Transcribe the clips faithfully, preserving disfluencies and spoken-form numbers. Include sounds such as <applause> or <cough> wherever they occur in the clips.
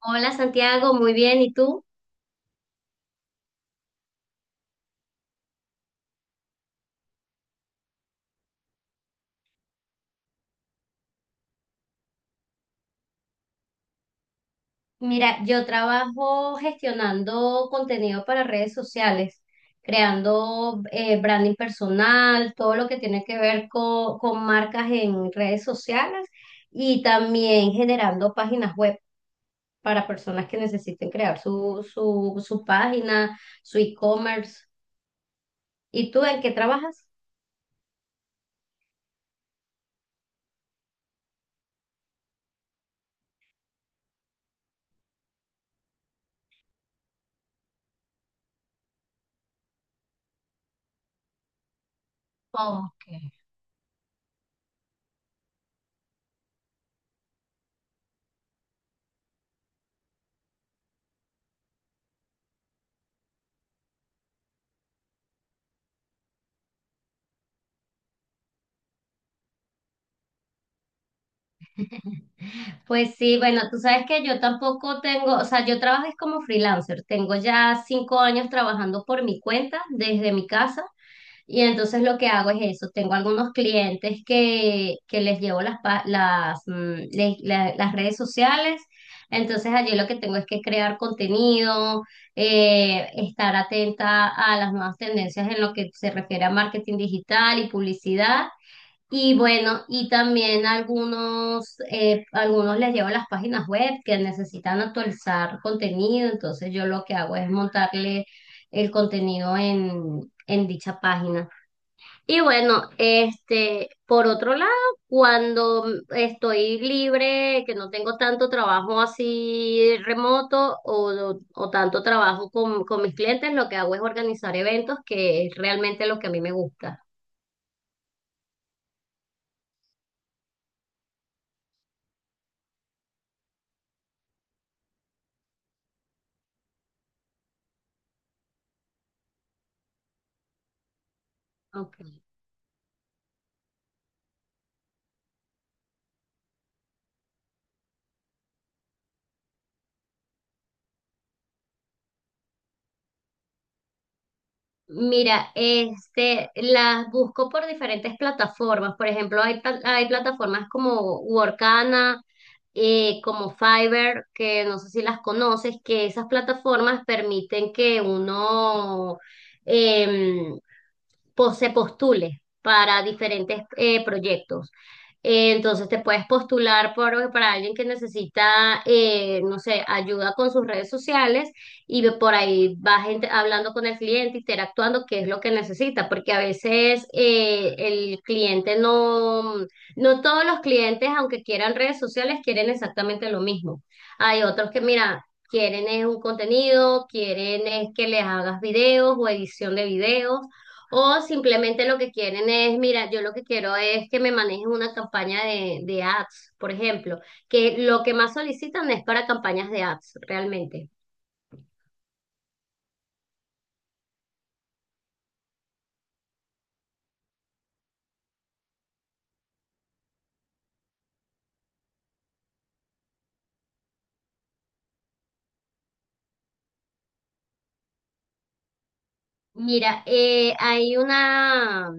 Hola Santiago, muy bien. ¿Y tú? Mira, yo trabajo gestionando contenido para redes sociales, creando eh, branding personal, todo lo que tiene que ver co- con, marcas en redes sociales y también generando páginas web para personas que necesiten crear su, su, su página, su e-commerce. ¿Y tú en qué trabajas? Ok. Pues sí, bueno, tú sabes que yo tampoco tengo, o sea, yo trabajo es como freelancer, tengo ya cinco años trabajando por mi cuenta desde mi casa y entonces lo que hago es eso, tengo algunos clientes que, que les llevo las, pa- las, mm, le- la- las redes sociales, entonces allí lo que tengo es que crear contenido, eh, estar atenta a las nuevas tendencias en lo que se refiere a marketing digital y publicidad. Y bueno, y también algunos, eh, algunos les llevo las páginas web que necesitan actualizar contenido, entonces yo lo que hago es montarle el contenido en, en dicha página. Y bueno, este, por otro lado, cuando estoy libre, que no tengo tanto trabajo así remoto o, o tanto trabajo con, con mis clientes, lo que hago es organizar eventos, que es realmente lo que a mí me gusta. Ok. Mira, este, las busco por diferentes plataformas. Por ejemplo, hay, pla- hay plataformas como Workana, eh, como Fiverr, que no sé si las conoces, que esas plataformas permiten que uno em, po- se postule para diferentes eh, proyectos. Eh, Entonces te puedes postular por, para alguien que necesita, eh, no sé, ayuda con sus redes sociales y ve- por ahí vas int- hablando con el cliente, interactuando, qué es lo que necesita, porque a veces eh, el cliente no, no todos los clientes, aunque quieran redes sociales, quieren exactamente lo mismo. Hay otros que, mira, quieren es un contenido, quieren es que les hagas videos o edición de videos. O simplemente lo que quieren es, mira, yo lo que quiero es que me manejen una campaña de, de ads, por ejemplo, que lo que más solicitan es para campañas de ads, realmente. Mira, eh, hay una,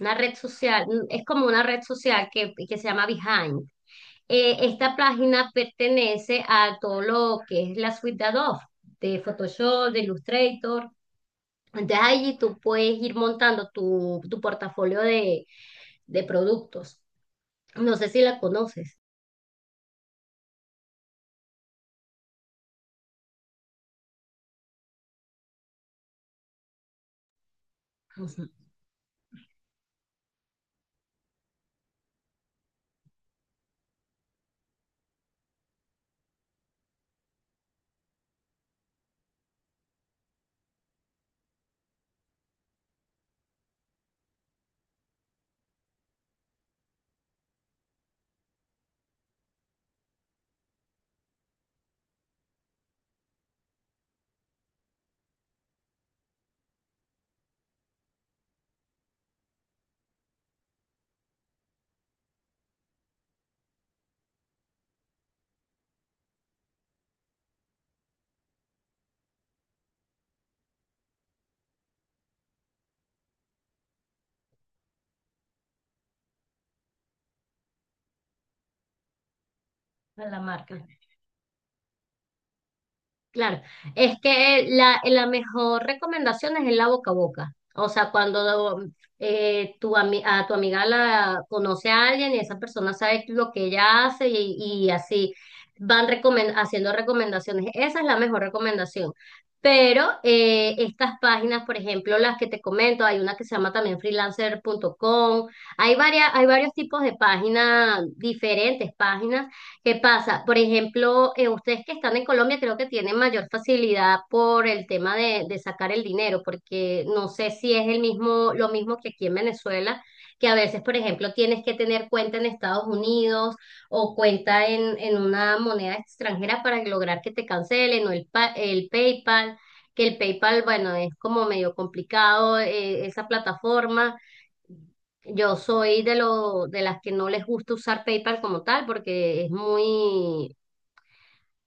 una red social, es como una red social que, que se llama Behind. Eh, esta página pertenece a todo lo que es la suite de Adobe, de Photoshop, de Illustrator. Entonces allí tú puedes ir montando tu, tu portafolio de, de productos. No sé si la conoces. O a la marca. Claro, es que la, la mejor recomendación es en la boca a boca. O sea, cuando mm, eh, tu ami- a tu amiga la conoce a alguien y esa persona sabe lo que ella hace y, y así van recomen- haciendo recomendaciones. Esa es la mejor recomendación. Pero eh, estas páginas, por ejemplo, las que te comento, hay una que se llama también freelancer freelancer.com, hay varias, hay varios tipos de páginas, diferentes páginas. ¿Qué pasa? Por ejemplo, eh, ustedes que están en Colombia creo que tienen mayor facilidad por el tema de, de sacar el dinero, porque no sé si es el mismo, lo mismo que aquí en Venezuela, que a veces, por ejemplo, tienes que tener cuenta en Estados Unidos o cuenta en, en una moneda extranjera para lograr que te cancelen o el, pa- el PayPal, que el PayPal, bueno, es como medio complicado eh, esa plataforma. Yo soy de lo, de las que no les gusta usar PayPal como tal, porque es muy,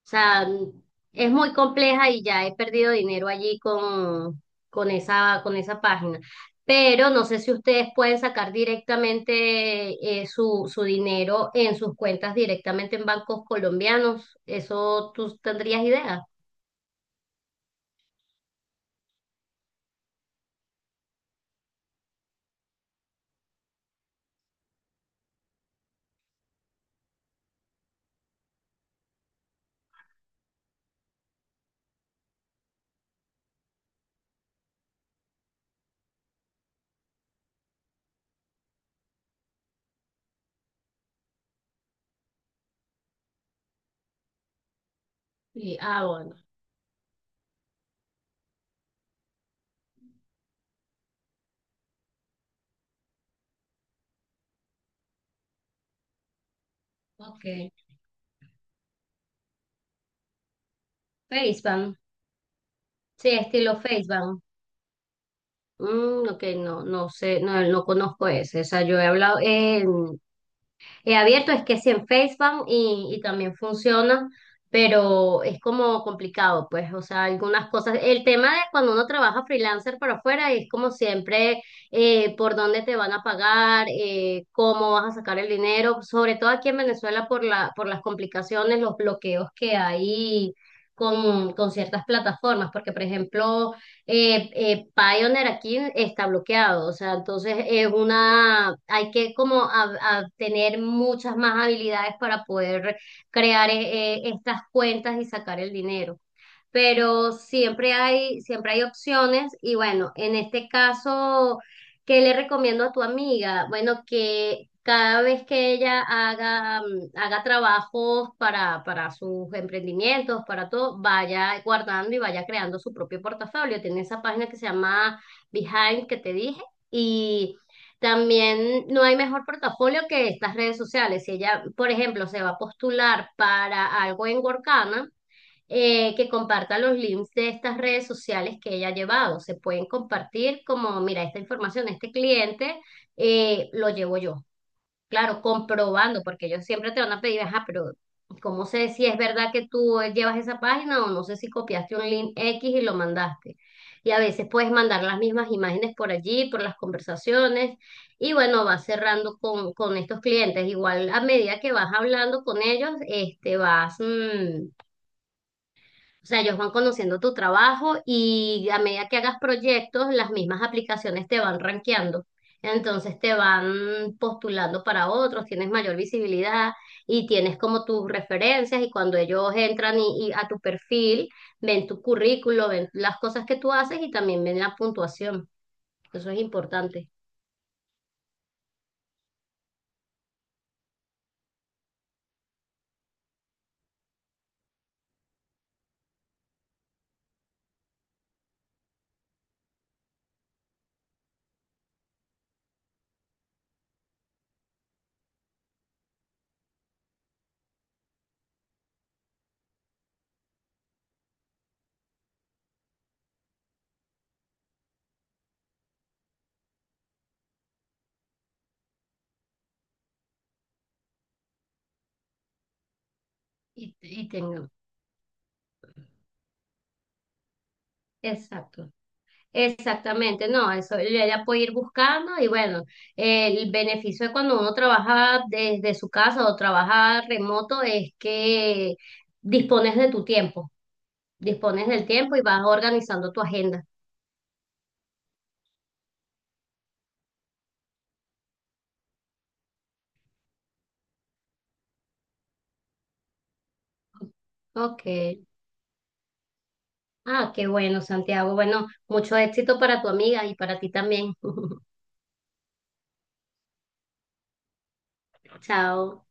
o sea, es muy compleja y ya he perdido dinero allí con, con esa, con esa página. Pero no sé si ustedes pueden sacar directamente eh, su, su dinero en sus cuentas directamente en bancos colombianos. ¿Eso tú tendrías idea? Sí, ah, bueno. Ok. Facebook. Sí, estilo Facebook. Mm, ok, no, no sé, no, no conozco ese. O sea, yo he hablado, eh, he abierto, es que sí en Facebook y, y también funciona, pero es como complicado, pues, o sea, algunas cosas. El tema de cuando uno trabaja freelancer para afuera es como siempre eh, por dónde te van a pagar, eh, cómo vas a sacar el dinero, sobre todo aquí en Venezuela por la, por las complicaciones, los bloqueos que hay con, con ciertas plataformas, porque por ejemplo eh, eh, Pioneer aquí está bloqueado, o sea, entonces es una, hay que como a- a tener muchas más habilidades para poder crear eh, eh, estas cuentas y sacar el dinero, pero siempre hay, siempre hay opciones y bueno, en este caso, ¿qué le recomiendo a tu amiga? Bueno, que cada vez que ella haga, mm, haga trabajos para, para sus emprendimientos, para todo, vaya guardando y vaya creando su propio portafolio. Tiene esa página que se llama Behind que te dije y también no hay mejor portafolio que estas redes sociales. Si ella, por ejemplo, se va a postular para algo en Workana, eh, que comparta los links de estas redes sociales que ella ha llevado. Se pueden compartir como, mira, esta información, este cliente eh, lo llevo yo. Claro, comprobando, porque ellos siempre te van a pedir, ajá, pero ¿cómo sé si es verdad que tú llevas esa página o no sé si copiaste un link X y lo mandaste? Y a veces puedes mandar las mismas imágenes por allí, por las conversaciones, y bueno, vas cerrando con, con estos clientes. Igual a medida que vas hablando con ellos, este, vas, mm, o sea, ellos van conociendo tu trabajo y a medida que hagas proyectos, las mismas aplicaciones te van rankeando. Entonces te van postulando para otros, tienes mayor visibilidad y tienes como tus referencias y cuando ellos entran y, y a tu perfil, ven tu currículo, ven las cosas que tú haces y también ven la puntuación. Eso es importante. Y, y tengan. Exacto. Exactamente, no, eso ella puede ir buscando y bueno, el beneficio de cuando uno trabaja desde su casa o trabaja remoto es que dispones de tu tiempo, dispones del tiempo y vas organizando tu agenda. Ok. Ah, qué bueno, Santiago. Bueno, mucho éxito para tu amiga y para ti también. <laughs> Chao.